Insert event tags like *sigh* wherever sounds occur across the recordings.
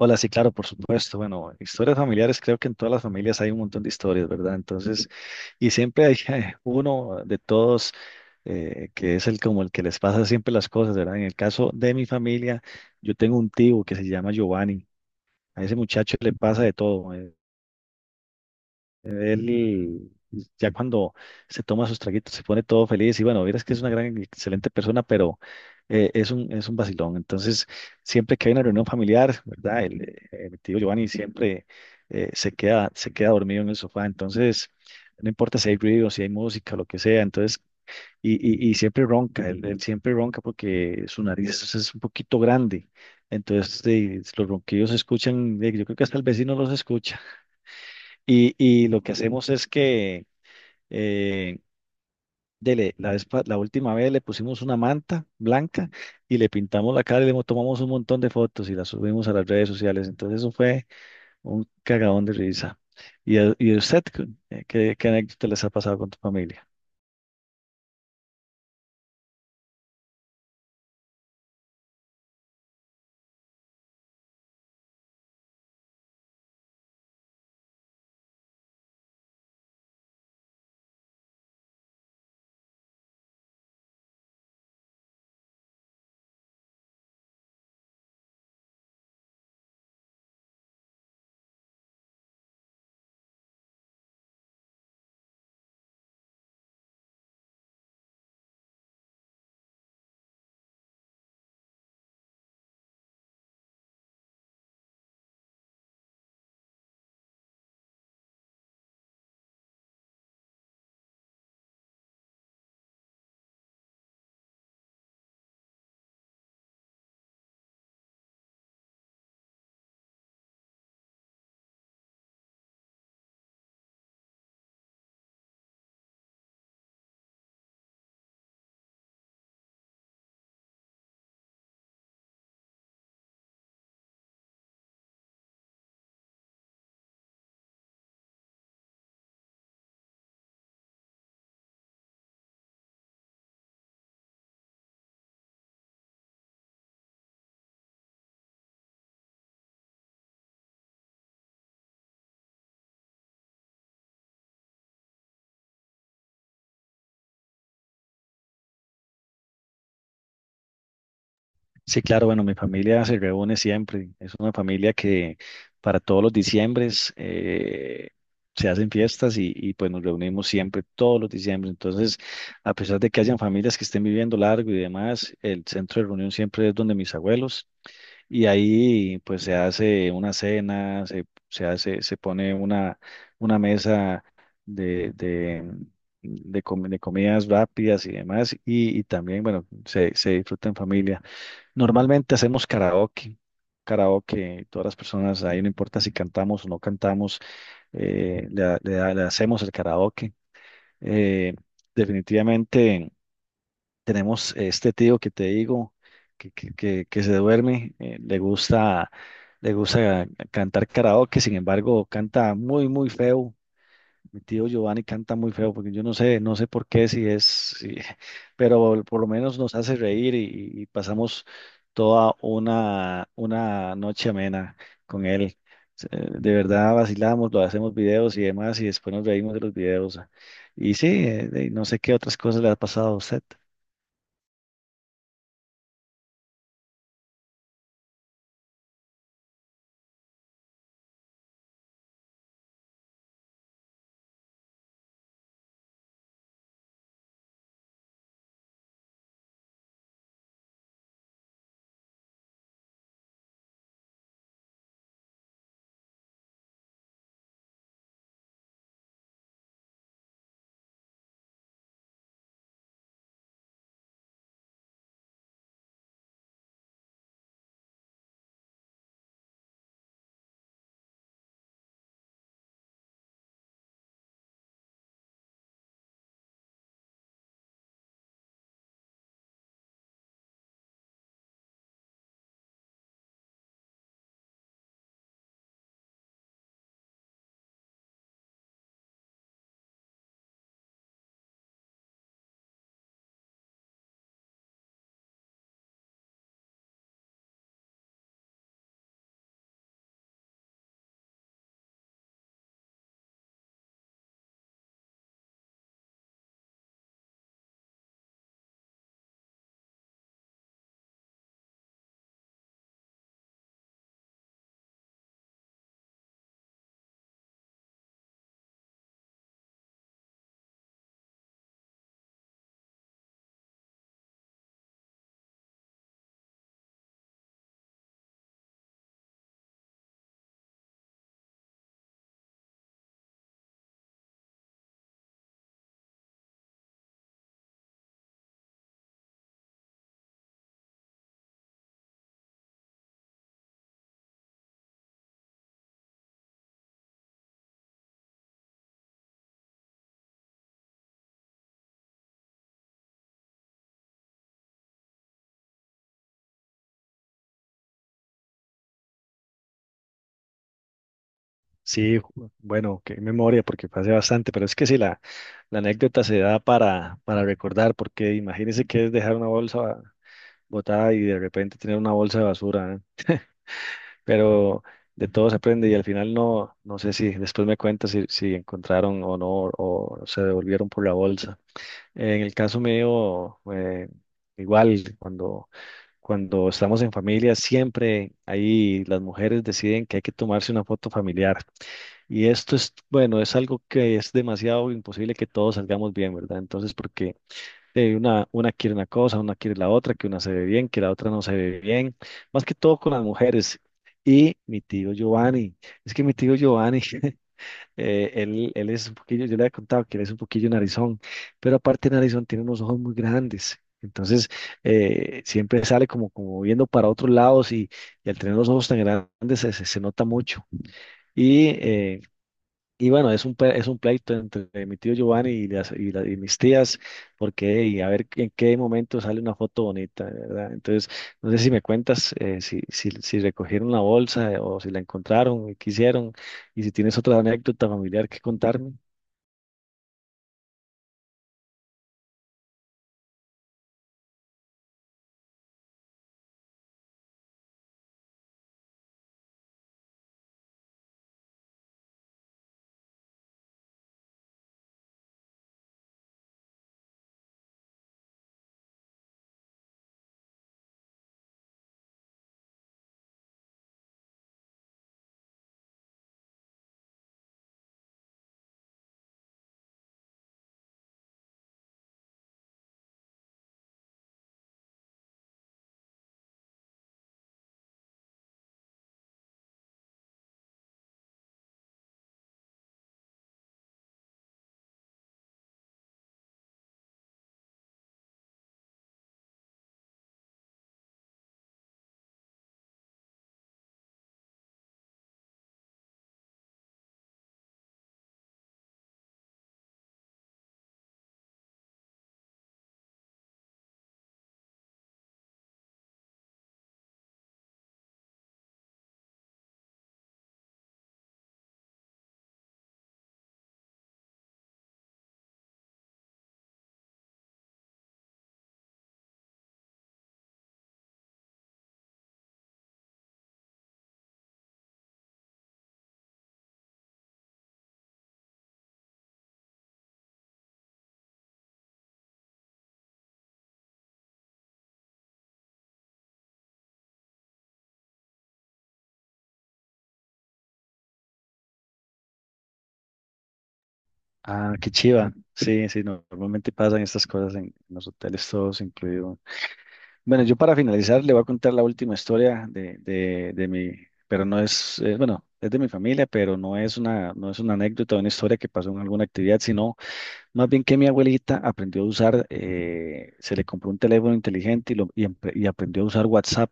Hola, sí, claro, por supuesto. Bueno, historias familiares, creo que en todas las familias hay un montón de historias, ¿verdad? Entonces, y siempre hay *laughs* uno de todos que es el como el que les pasa siempre las cosas, ¿verdad? En el caso de mi familia, yo tengo un tío que se llama Giovanni. A ese muchacho le pasa de todo. Él ya cuando se toma sus traguitos se pone todo feliz y bueno, verás que es una gran, excelente persona, pero es un vacilón. Entonces, siempre que hay una reunión familiar, ¿verdad? Mi tío Giovanni siempre, se queda dormido en el sofá. Entonces, no importa si hay ruido, si hay música, lo que sea. Entonces, y, y siempre ronca, él siempre ronca porque su nariz es un poquito grande. Entonces, los ronquidos se escuchan, yo creo que hasta el vecino los escucha. Y lo que hacemos es que eh, dele, la, vez pa- la última vez le pusimos una manta blanca y le pintamos la cara y tomamos un montón de fotos y las subimos a las redes sociales. Entonces eso fue un cagadón de risa. ¿ Y a usted qué, qué anécdota les ha pasado con tu familia? Sí, claro, bueno, mi familia se reúne siempre. Es una familia que para todos los diciembres, se hacen fiestas y, pues nos reunimos siempre todos los diciembres. Entonces, a pesar de que hayan familias que estén viviendo largo y demás, el centro de reunión siempre es donde mis abuelos y ahí pues se hace una cena, se hace, se pone una mesa de, de, de comidas rápidas y demás y también, bueno, se disfruta en familia. Normalmente hacemos karaoke, karaoke, todas las personas, ahí no importa si cantamos o no cantamos, le hacemos el karaoke. Eh, Definitivamente tenemos este tío que te digo, que se duerme, le gusta cantar karaoke, sin embargo, canta muy, muy feo. Mi tío Giovanni canta muy feo, porque yo no sé, no sé por qué, si es, si- *laughs* pero por lo menos nos hace reír y pasamos toda una noche amena con él. De verdad vacilamos, lo hacemos videos y demás, y después nos reímos de los videos. Y sí, no sé qué otras cosas le ha pasado a usted. Sí, bueno, qué memoria, porque pasé bastante, pero es que sí, la anécdota se da para recordar, porque imagínese que es dejar una bolsa botada y de repente tener una bolsa de basura, ¿eh? Pero de todo se aprende y al final no, no sé si después me cuentas si, si encontraron o no o se devolvieron por la bolsa. En el caso mío, igual, cuando, cuando estamos en familia, siempre ahí las mujeres deciden que hay que tomarse una foto familiar. Y esto es, bueno, es algo que es demasiado imposible que todos salgamos bien, ¿verdad? Entonces, porque una quiere una cosa, una quiere la otra, que una se ve bien, que la otra no se ve bien, más que todo con las mujeres. Y mi tío Giovanni, es que mi tío Giovanni, *laughs* él es un poquillo, yo le había contado que él es un poquillo narizón, pero aparte de narizón tiene unos ojos muy grandes. Entonces, siempre sale como, como viendo para otros lados y al tener los ojos tan grandes se nota mucho. Y eh, y bueno, es un pleito entre mi tío Giovanni y mis tías, porque y a ver en qué momento sale una foto bonita, ¿verdad? Entonces, no sé si me cuentas, si recogieron la bolsa, o si la encontraron y qué hicieron, y si tienes otra anécdota familiar que contarme. Ah, qué chiva. Sí, sí, no, normalmente pasan estas cosas en los hoteles, todos incluidos. Bueno, yo para finalizar le voy a contar la última historia de mi, pero no es, bueno, es de mi familia, pero no es una, no es una anécdota, una historia que pasó en alguna actividad, sino más bien que mi abuelita aprendió a usar, se le compró un teléfono inteligente y aprendió a usar WhatsApp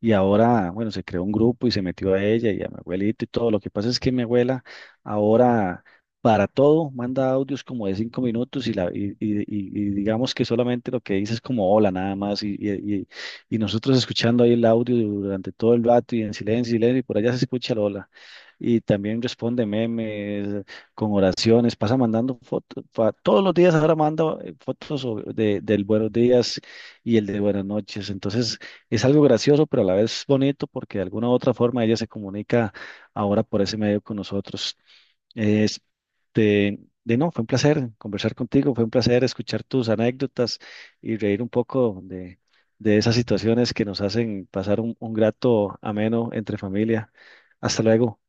y ahora, bueno, se creó un grupo y se metió a ella y a mi abuelita y todo. Lo que pasa es que mi abuela ahora para todo manda audios como de 5 minutos y digamos que solamente lo que dice es como hola nada más y nosotros escuchando ahí el audio durante todo el rato y en silencio, silencio y por allá se escucha el hola. Y también responde memes, con oraciones, pasa mandando fotos, todos los días ahora manda, fotos del buenos días y el de buenas noches. Entonces es algo gracioso, pero a la vez bonito porque de alguna u otra forma ella se comunica ahora por ese medio con nosotros. Este, de no, fue un placer conversar contigo, fue un placer escuchar tus anécdotas y reír un poco de esas situaciones que nos hacen pasar un grato ameno entre familia. Hasta luego.